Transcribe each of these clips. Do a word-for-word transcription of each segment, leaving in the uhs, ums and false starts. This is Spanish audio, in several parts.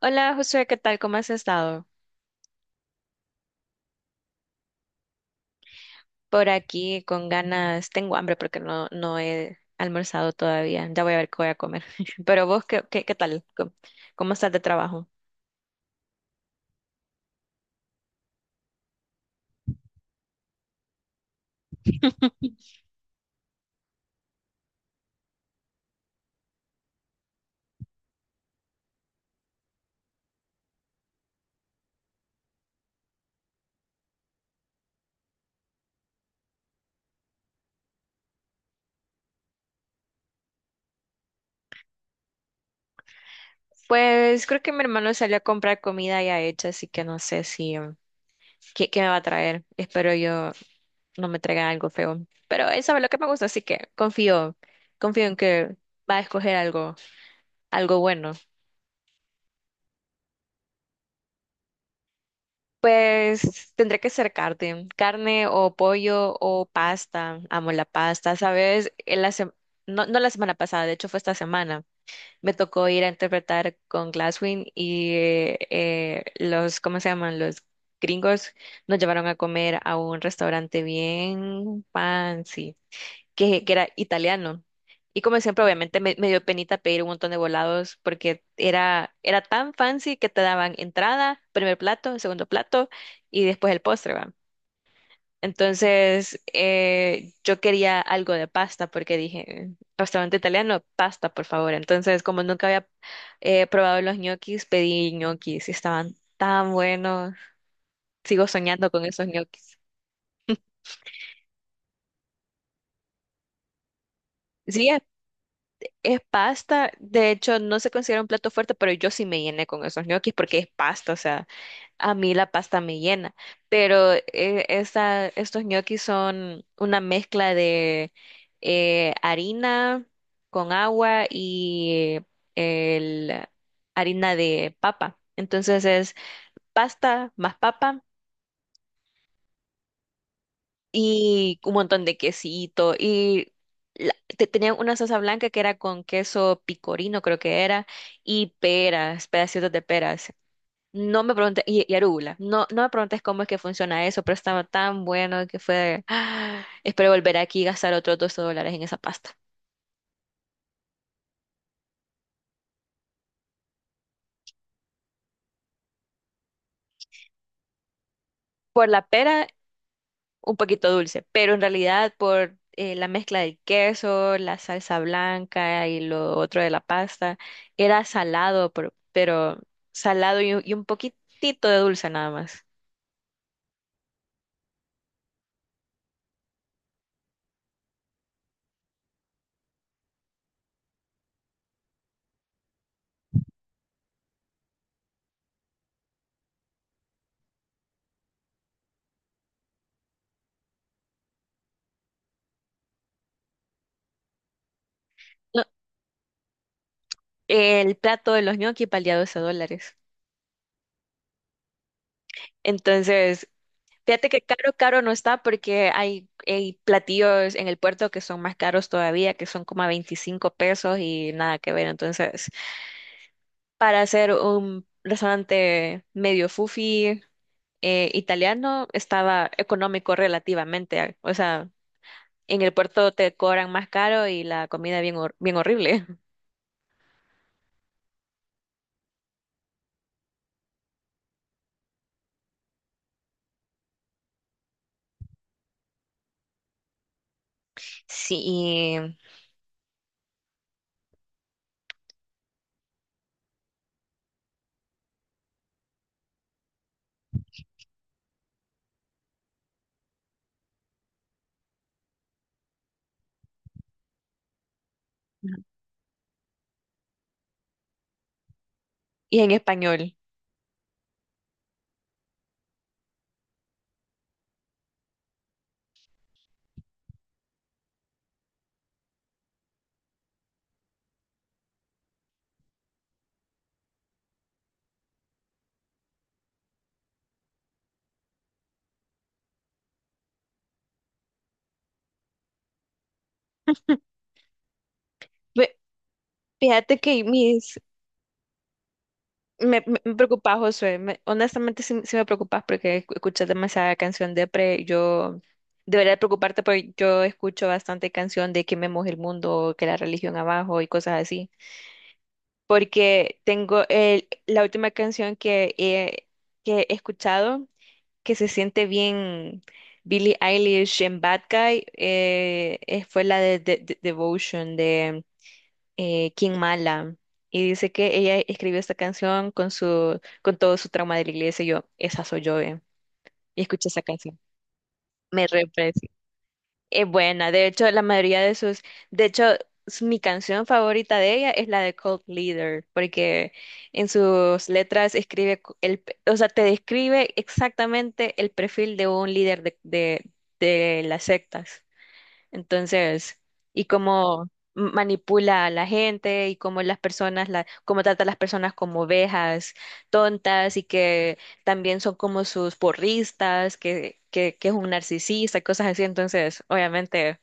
Hola Josué, ¿qué tal? ¿Cómo has estado? Por aquí con ganas, tengo hambre porque no, no he almorzado todavía. Ya voy a ver qué voy a comer. Pero vos, ¿qué, qué, qué tal? ¿Cómo, cómo estás de trabajo? Pues creo que mi hermano salió a comprar comida ya hecha, así que no sé si um, qué, qué me va a traer. Espero yo no me traiga algo feo. Pero él sabe lo que me gusta, así que confío, confío en que va a escoger algo, algo bueno. Pues tendría que ser carne, carne o pollo o pasta. Amo la pasta, ¿sabes? En la sem- no, no la semana pasada, de hecho fue esta semana. Me tocó ir a interpretar con Glasswing y eh, los, ¿cómo se llaman? Los gringos nos llevaron a comer a un restaurante bien fancy que, que era italiano. Y como siempre, obviamente me, me dio penita pedir un montón de volados porque era, era tan fancy que te daban entrada, primer plato, segundo plato y después el postre, ¿va? Entonces, eh, yo quería algo de pasta porque dije, restaurante italiano, pasta, por favor. Entonces, como nunca había eh, probado los ñoquis, pedí ñoquis y estaban tan buenos. Sigo soñando con esos ñoquis. Sí, es pasta, de hecho no se considera un plato fuerte, pero yo sí me llené con esos ñoquis porque es pasta, o sea, a mí la pasta me llena, pero eh, esta- estos ñoquis son una mezcla de eh, harina con agua y el, harina de papa, entonces es pasta más papa y un montón de quesito y la- te- tenían una salsa blanca que era con queso picorino, creo que era, y peras, pedacitos de peras. No me preguntes, y, y arúgula, no, no me preguntes cómo es que funciona eso, pero estaba tan bueno que fue, ¡ah! Espero volver aquí y gastar otros dos dólares en esa pasta. Por la pera un poquito dulce, pero en realidad por eh, la mezcla del queso, la salsa blanca y lo otro de la pasta, era salado, por- pero, salado y, un y un poquitito de dulce nada más. No, el plato de los ñoquis valía 12 dólares. Entonces, fíjate que caro, caro no está porque hay, hay platillos en el puerto que son más caros todavía, que son como a 25 pesos y nada que ver. Entonces, para hacer un restaurante medio fufi, eh, italiano estaba económico relativamente. O sea, en el puerto te cobran más caro y la comida bien, hor- bien horrible. Sí, y, y en español. Ve- Fíjate que mis... Me, me, me preocupa, Josué. Me- honestamente, sí, sí me preocupas porque escu- escuchas demasiada canción depre. Yo debería preocuparte porque yo escucho bastante canción de que me moje el mundo, que la religión abajo y cosas así. Porque tengo el, la última canción que he, que he escuchado que se siente bien Billie Eilish en Bad Guy eh, eh, fue la de, de- de- Devotion de eh, King Mala. Y dice que ella escribió esta canción con su, con todo su trauma de la iglesia. Y yo, esa soy yo, eh. Y escuché esa canción. Me representa. Es buena, de hecho, la mayoría de sus, de hecho, s- mi canción favorita de ella es la de Cult Leader, porque en sus letras escribe cu- el, pe- o sea, te describe exactamente el perfil de un líder de, de, de las sectas. Entonces, y cómo m- manipula a la gente y cómo las personas, la, cómo trata a las personas como ovejas tontas y que también son como sus porristas, que, que, que es un narcisista, cosas así. Entonces, obviamente,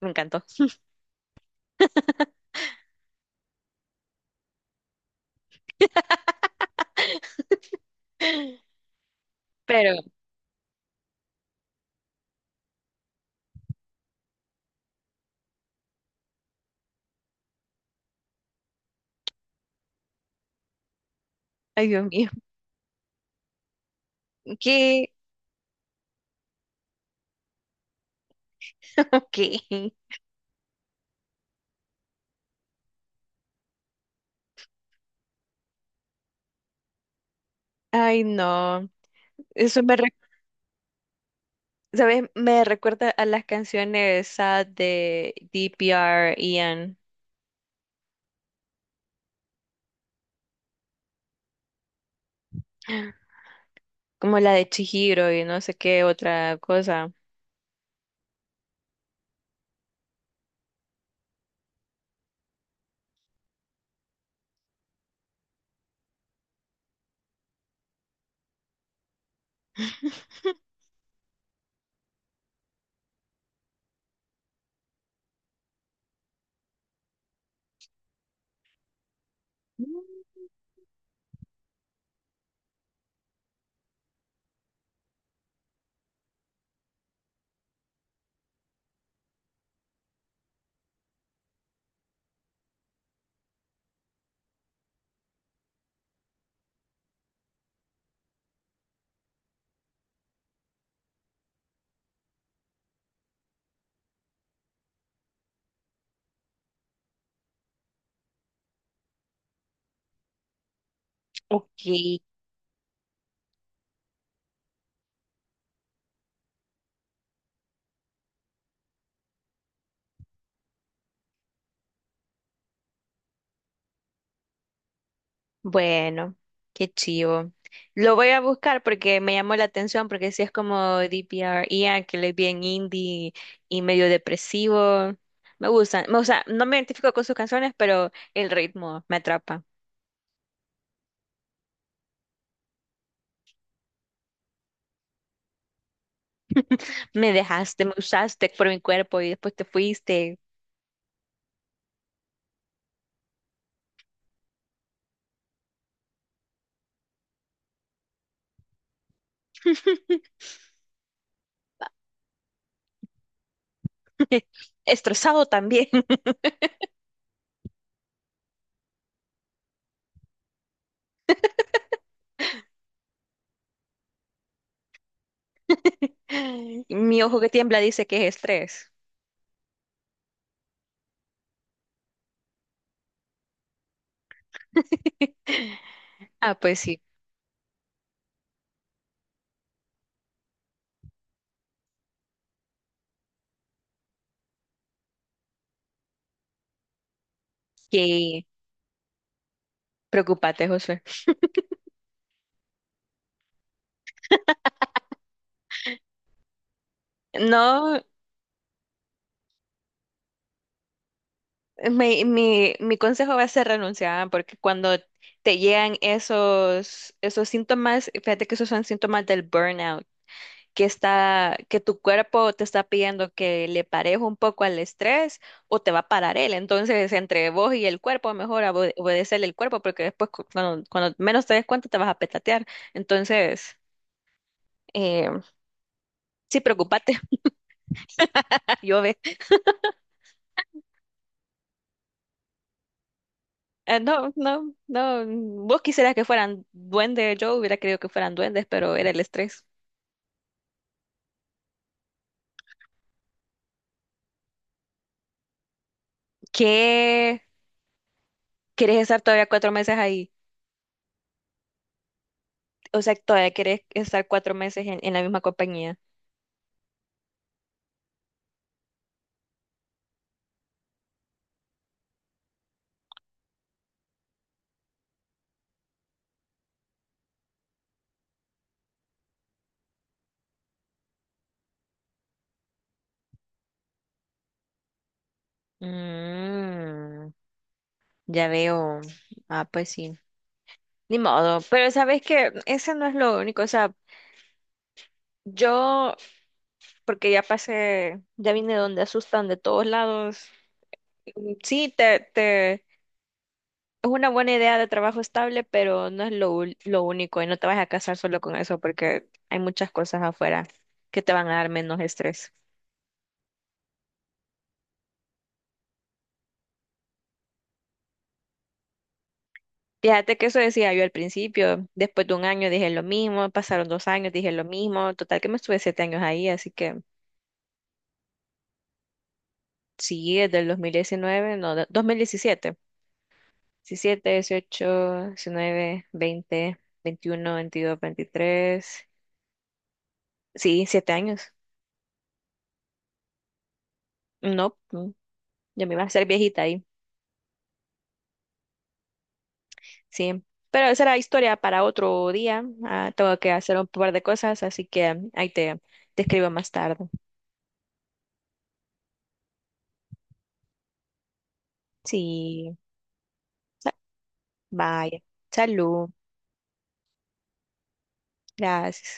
me encantó. Pero, ay Dios mío, ¿qué? ¿Qué? Ay no, eso me, re- ¿sabes? Me recuerda a las canciones sad de D P R Ian, como la de Chihiro y no sé qué otra cosa. Mm. Ok, bueno, qué chivo. Lo voy a buscar porque me llamó la atención, porque si es como D P R, Ian, que le es bien indie y medio depresivo. Me gustan, me O sea, no me identifico con sus canciones, pero el ritmo me atrapa. Me dejaste, me usaste por mi cuerpo y después te fuiste. Estresado también. Mi ojo que tiembla dice que es estrés. Ah, pues sí, que preocupate, Josué. No, mi, mi, mi consejo va a ser renunciar, porque cuando te llegan esos, esos síntomas, fíjate que esos son síntomas del burnout, que está, que tu cuerpo te está pidiendo que le parejo un poco al estrés o te va a parar él. Entonces, entre vos y el cuerpo, mejor abo- obedecerle el cuerpo, porque después cu- cuando, cuando menos te des cuenta te vas a petatear. Entonces, eh, sí, preocupate. Yo, eh, no, no, no. mm, Vos quisieras que fueran duendes, yo hubiera querido que fueran duendes, pero era el estrés. ¿Qué? ¿Querés estar todavía cuatro meses ahí? O sea, todavía querés estar cuatro meses en, en la misma compañía. Mm, ya veo. Ah, pues sí. Ni modo. Pero sabes que ese no es lo único. O sea, yo, porque ya pasé, ya vine donde asustan de todos lados. Mm. Sí, te, te, es una buena idea de trabajo estable, pero no es lo, ul- lo único y no te vas a casar solo con eso porque hay muchas cosas afuera que te van a dar menos estrés. Fíjate que eso decía yo al principio, después de un año dije lo mismo, pasaron dos años, dije lo mismo, total que me estuve siete años ahí, así que sí, desde el dos mil diecinueve no, de- dos mil diecisiete, diecisiete diecisiete, dieciocho diecinueve veinte veintiuno veintidós veintitrés sí, siete años, no, mm, ya me iba a hacer viejita. Sí, pero esa era historia para otro día. Ah, tengo que hacer un par de cosas, así que ahí te, te escribo más tarde. Sí, sa- vaya. Salud. Gracias.